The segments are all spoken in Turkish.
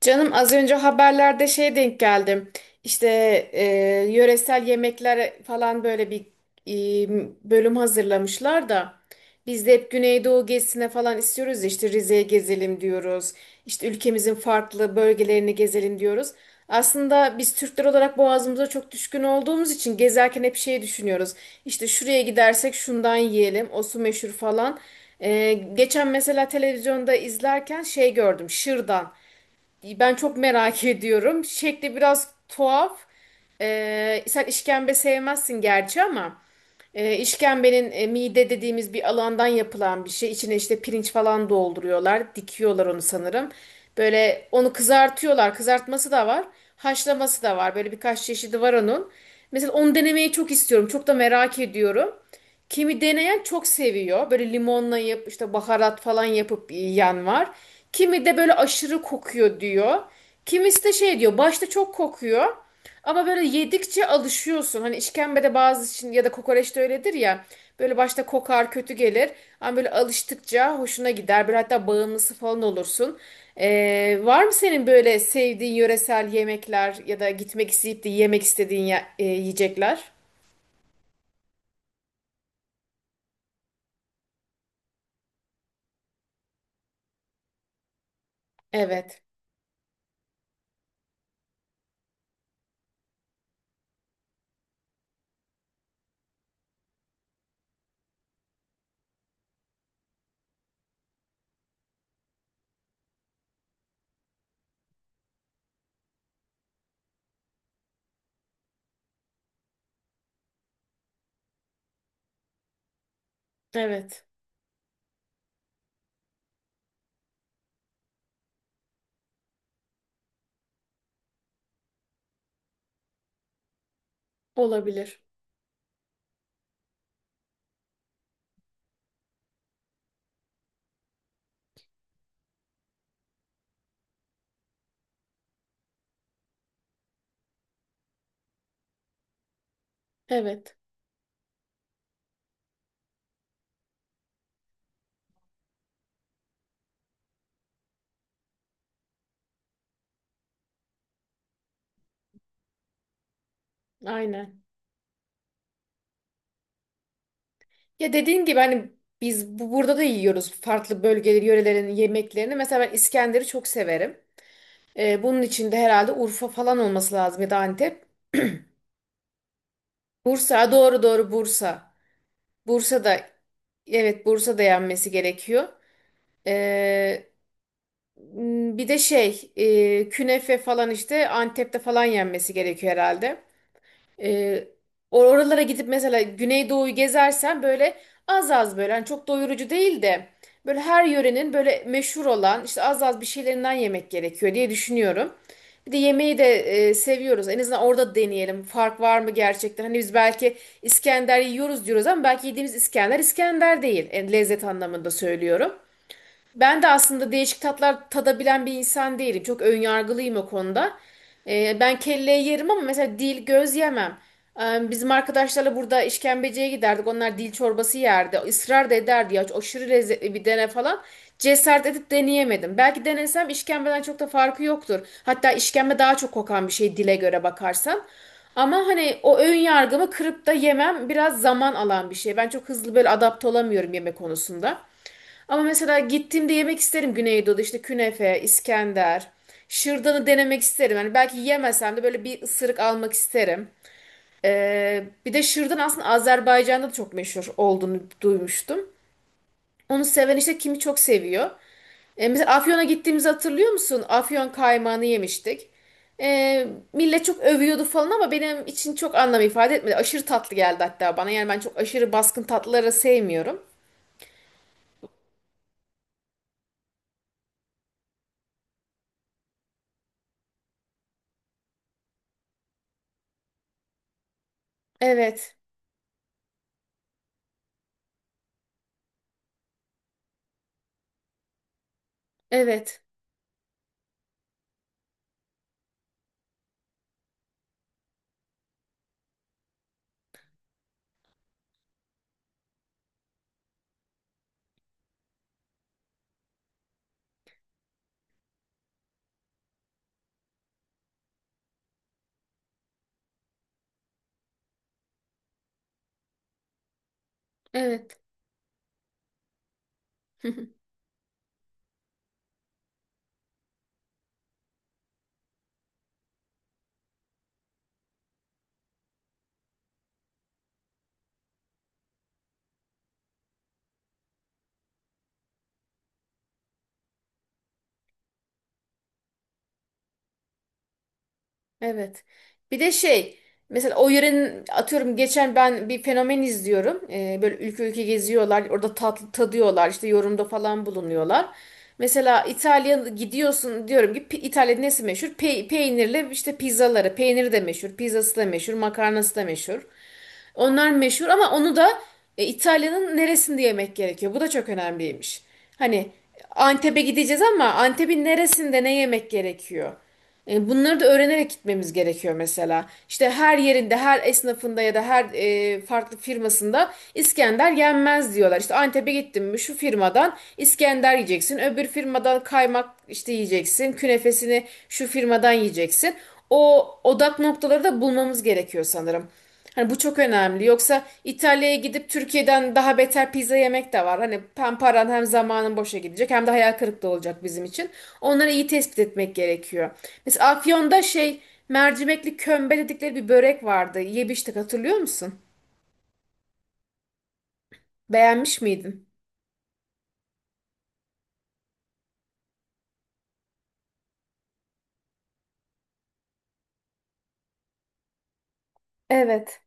Canım az önce haberlerde şey denk geldim. İşte e, yöresel yemekler falan böyle bir bölüm hazırlamışlar da biz de hep Güneydoğu gezisine falan istiyoruz ya, işte Rize'ye gezelim diyoruz. İşte ülkemizin farklı bölgelerini gezelim diyoruz. Aslında biz Türkler olarak boğazımıza çok düşkün olduğumuz için gezerken hep şey düşünüyoruz. İşte şuraya gidersek şundan yiyelim, o su meşhur falan. E, geçen mesela televizyonda izlerken şey gördüm, şırdan. Ben çok merak ediyorum. Şekli biraz tuhaf. Sen işkembe sevmezsin gerçi ama işkembenin mide dediğimiz bir alandan yapılan bir şey. İçine işte pirinç falan dolduruyorlar. Dikiyorlar onu sanırım. Böyle onu kızartıyorlar. Kızartması da var. Haşlaması da var. Böyle birkaç çeşidi var onun. Mesela onu denemeyi çok istiyorum. Çok da merak ediyorum. Kimi deneyen çok seviyor. Böyle limonla yap işte baharat falan yapıp yiyen var. Kimi de böyle aşırı kokuyor diyor. Kimisi de şey diyor başta çok kokuyor. Ama böyle yedikçe alışıyorsun. Hani işkembede bazı için ya da kokoreç de öyledir ya. Böyle başta kokar kötü gelir. Ama böyle alıştıkça hoşuna gider. Böyle hatta bağımlısı falan olursun. Var mı senin böyle sevdiğin yöresel yemekler ya da gitmek isteyip de yemek istediğin yiyecekler? Evet. Evet. Olabilir. Evet, aynen. Ya dediğin gibi hani biz burada da yiyoruz farklı bölgeleri, yörelerin yemeklerini. Mesela ben İskender'i çok severim. Bunun içinde herhalde Urfa falan olması lazım ya da Antep. Bursa, doğru Bursa. Bursa'da, evet Bursa'da yenmesi gerekiyor. Ee, Bir de şey, künefe falan işte Antep'te falan yenmesi gerekiyor herhalde. Ee, Oralara gidip mesela Güneydoğu'yu gezersen böyle az az böyle hani çok doyurucu değil de böyle her yörenin böyle meşhur olan işte az az bir şeylerinden yemek gerekiyor diye düşünüyorum. Bir de yemeği de seviyoruz. En azından orada deneyelim. Fark var mı gerçekten? Hani biz belki İskender yiyoruz diyoruz ama belki yediğimiz İskender İskender değil. Yani lezzet anlamında söylüyorum. Ben de aslında değişik tatlar tadabilen bir insan değilim. Çok önyargılıyım o konuda. Ben kelleyi yerim ama mesela dil, göz yemem. Bizim arkadaşlarla burada işkembeciye giderdik. Onlar dil çorbası yerdi. Israr da ederdi ya aşırı lezzetli bir dene falan. Cesaret edip deneyemedim. Belki denesem işkembeden çok da farkı yoktur. Hatta işkembe daha çok kokan bir şey dile göre bakarsan. Ama hani o ön yargımı kırıp da yemem biraz zaman alan bir şey. Ben çok hızlı böyle adapte olamıyorum yemek konusunda. Ama mesela gittiğimde yemek isterim Güneydoğu'da işte künefe, İskender. Şırdanı denemek isterim. Yani belki yemesem de böyle bir ısırık almak isterim. Bir de şırdan aslında Azerbaycan'da da çok meşhur olduğunu duymuştum. Onu seven işte kimi çok seviyor. Mesela Afyon'a gittiğimizi hatırlıyor musun? Afyon kaymağını yemiştik. Ee, Millet çok övüyordu falan ama benim için çok anlam ifade etmedi. Aşırı tatlı geldi hatta bana. Yani ben çok aşırı baskın tatlıları sevmiyorum. Evet, evet, evet. Evet. Bir de şey mesela o yörenin atıyorum geçen ben bir fenomen izliyorum. Böyle ülke ülke geziyorlar. Orada tatlı tadıyorlar. İşte yorumda falan bulunuyorlar. Mesela İtalya'ya gidiyorsun diyorum ki "Pi- İtalya'da nesi meşhur? Pe- peynirli işte pizzaları. Peyniri de meşhur. Pizzası da meşhur. Makarnası da meşhur. Onlar meşhur ama onu da İtalya'nın neresinde yemek gerekiyor? Bu da çok önemliymiş. Hani Antep'e gideceğiz ama Antep'in neresinde ne yemek gerekiyor? E, bunları da öğrenerek gitmemiz gerekiyor mesela. İşte her yerinde, her esnafında ya da her farklı firmasında İskender yenmez diyorlar. İşte Antep'e gittin mi şu firmadan İskender yiyeceksin. Öbür firmadan kaymak işte yiyeceksin. Künefesini şu firmadan yiyeceksin. O odak noktaları da bulmamız gerekiyor sanırım. Hani bu çok önemli. Yoksa İtalya'ya gidip Türkiye'den daha beter pizza yemek de var. Hani hem paran hem zamanın boşa gidecek hem de hayal kırıklığı olacak bizim için. Onları iyi tespit etmek gerekiyor. Mesela Afyon'da şey mercimekli kömbe dedikleri bir börek vardı. Yemiştik hatırlıyor musun? Beğenmiş miydin? Evet.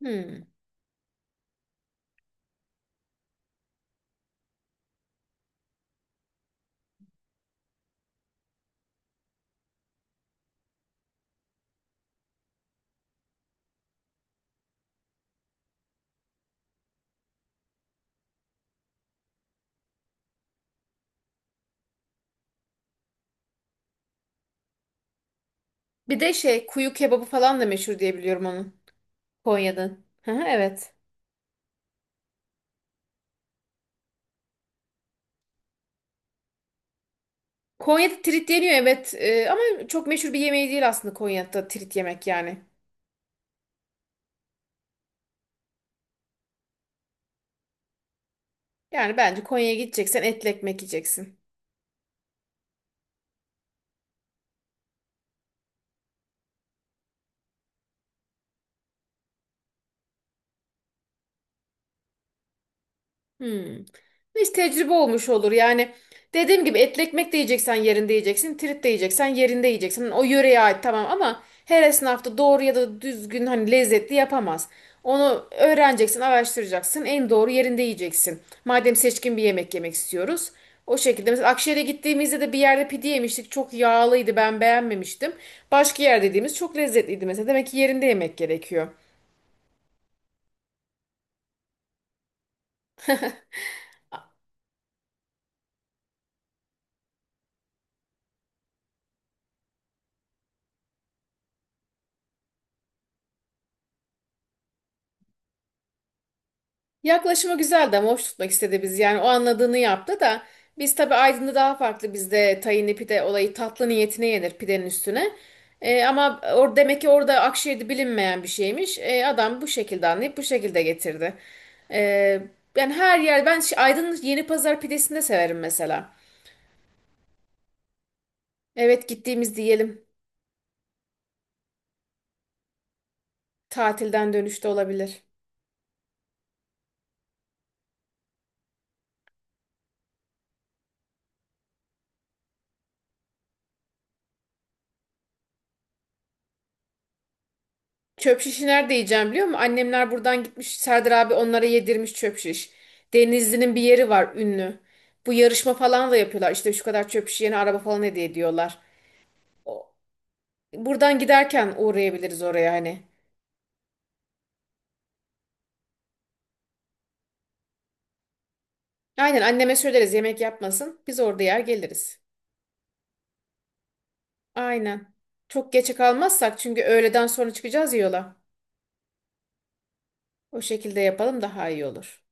Hmm. Bir de şey kuyu kebabı falan da meşhur diye biliyorum onun. Konya'nın. Hı hı, evet. Konya'da trit yeniyor, evet. Ama çok meşhur bir yemeği değil aslında Konya'da trit yemek yani. Yani bence Konya'ya gideceksen etli ekmek yiyeceksin. Hmm. Hiç tecrübe olmuş olur. Yani dediğim gibi etli ekmek de yiyeceksen yerinde yiyeceksin. Trit de yiyeceksen yerinde yiyeceksin. Hani o yöreye ait tamam ama her esnaf da doğru ya da düzgün hani lezzetli yapamaz. Onu öğreneceksin, araştıracaksın. En doğru yerinde yiyeceksin. Madem seçkin bir yemek yemek istiyoruz. O şekilde mesela Akşehir'e gittiğimizde de bir yerde pide yemiştik. Çok yağlıydı, ben beğenmemiştim. Başka yer dediğimiz çok lezzetliydi mesela. Demek ki yerinde yemek gerekiyor. Yaklaşımı güzeldi ama hoş tutmak istedi biz. Yani o anladığını yaptı da biz tabii Aydın'da daha farklı. Bizde tahinli pide olayı tatlı niyetine yenir pidenin üstüne. Ama or demek ki orada Akşehir'de bilinmeyen bir şeymiş. Adam bu şekilde anlayıp bu şekilde getirdi. Ee, Yani her yer ben şi- Aydın'ın Yeni Pazar pidesini de severim mesela. Evet, gittiğimiz diyelim. Tatilden dönüşte olabilir. Çöp şişi nerede yiyeceğim biliyor musun? Annemler buradan gitmiş. Serdar abi onlara yedirmiş çöp şiş. Denizli'nin bir yeri var ünlü. Bu yarışma falan da yapıyorlar. İşte şu kadar çöp şiş, yeni araba falan hediye ediyorlar. O- Buradan giderken uğrayabiliriz oraya hani. Aynen, anneme söyleriz yemek yapmasın. Biz orada yer geliriz. Aynen. Çok geçe kalmazsak, çünkü öğleden sonra çıkacağız ya yola. O şekilde yapalım daha iyi olur.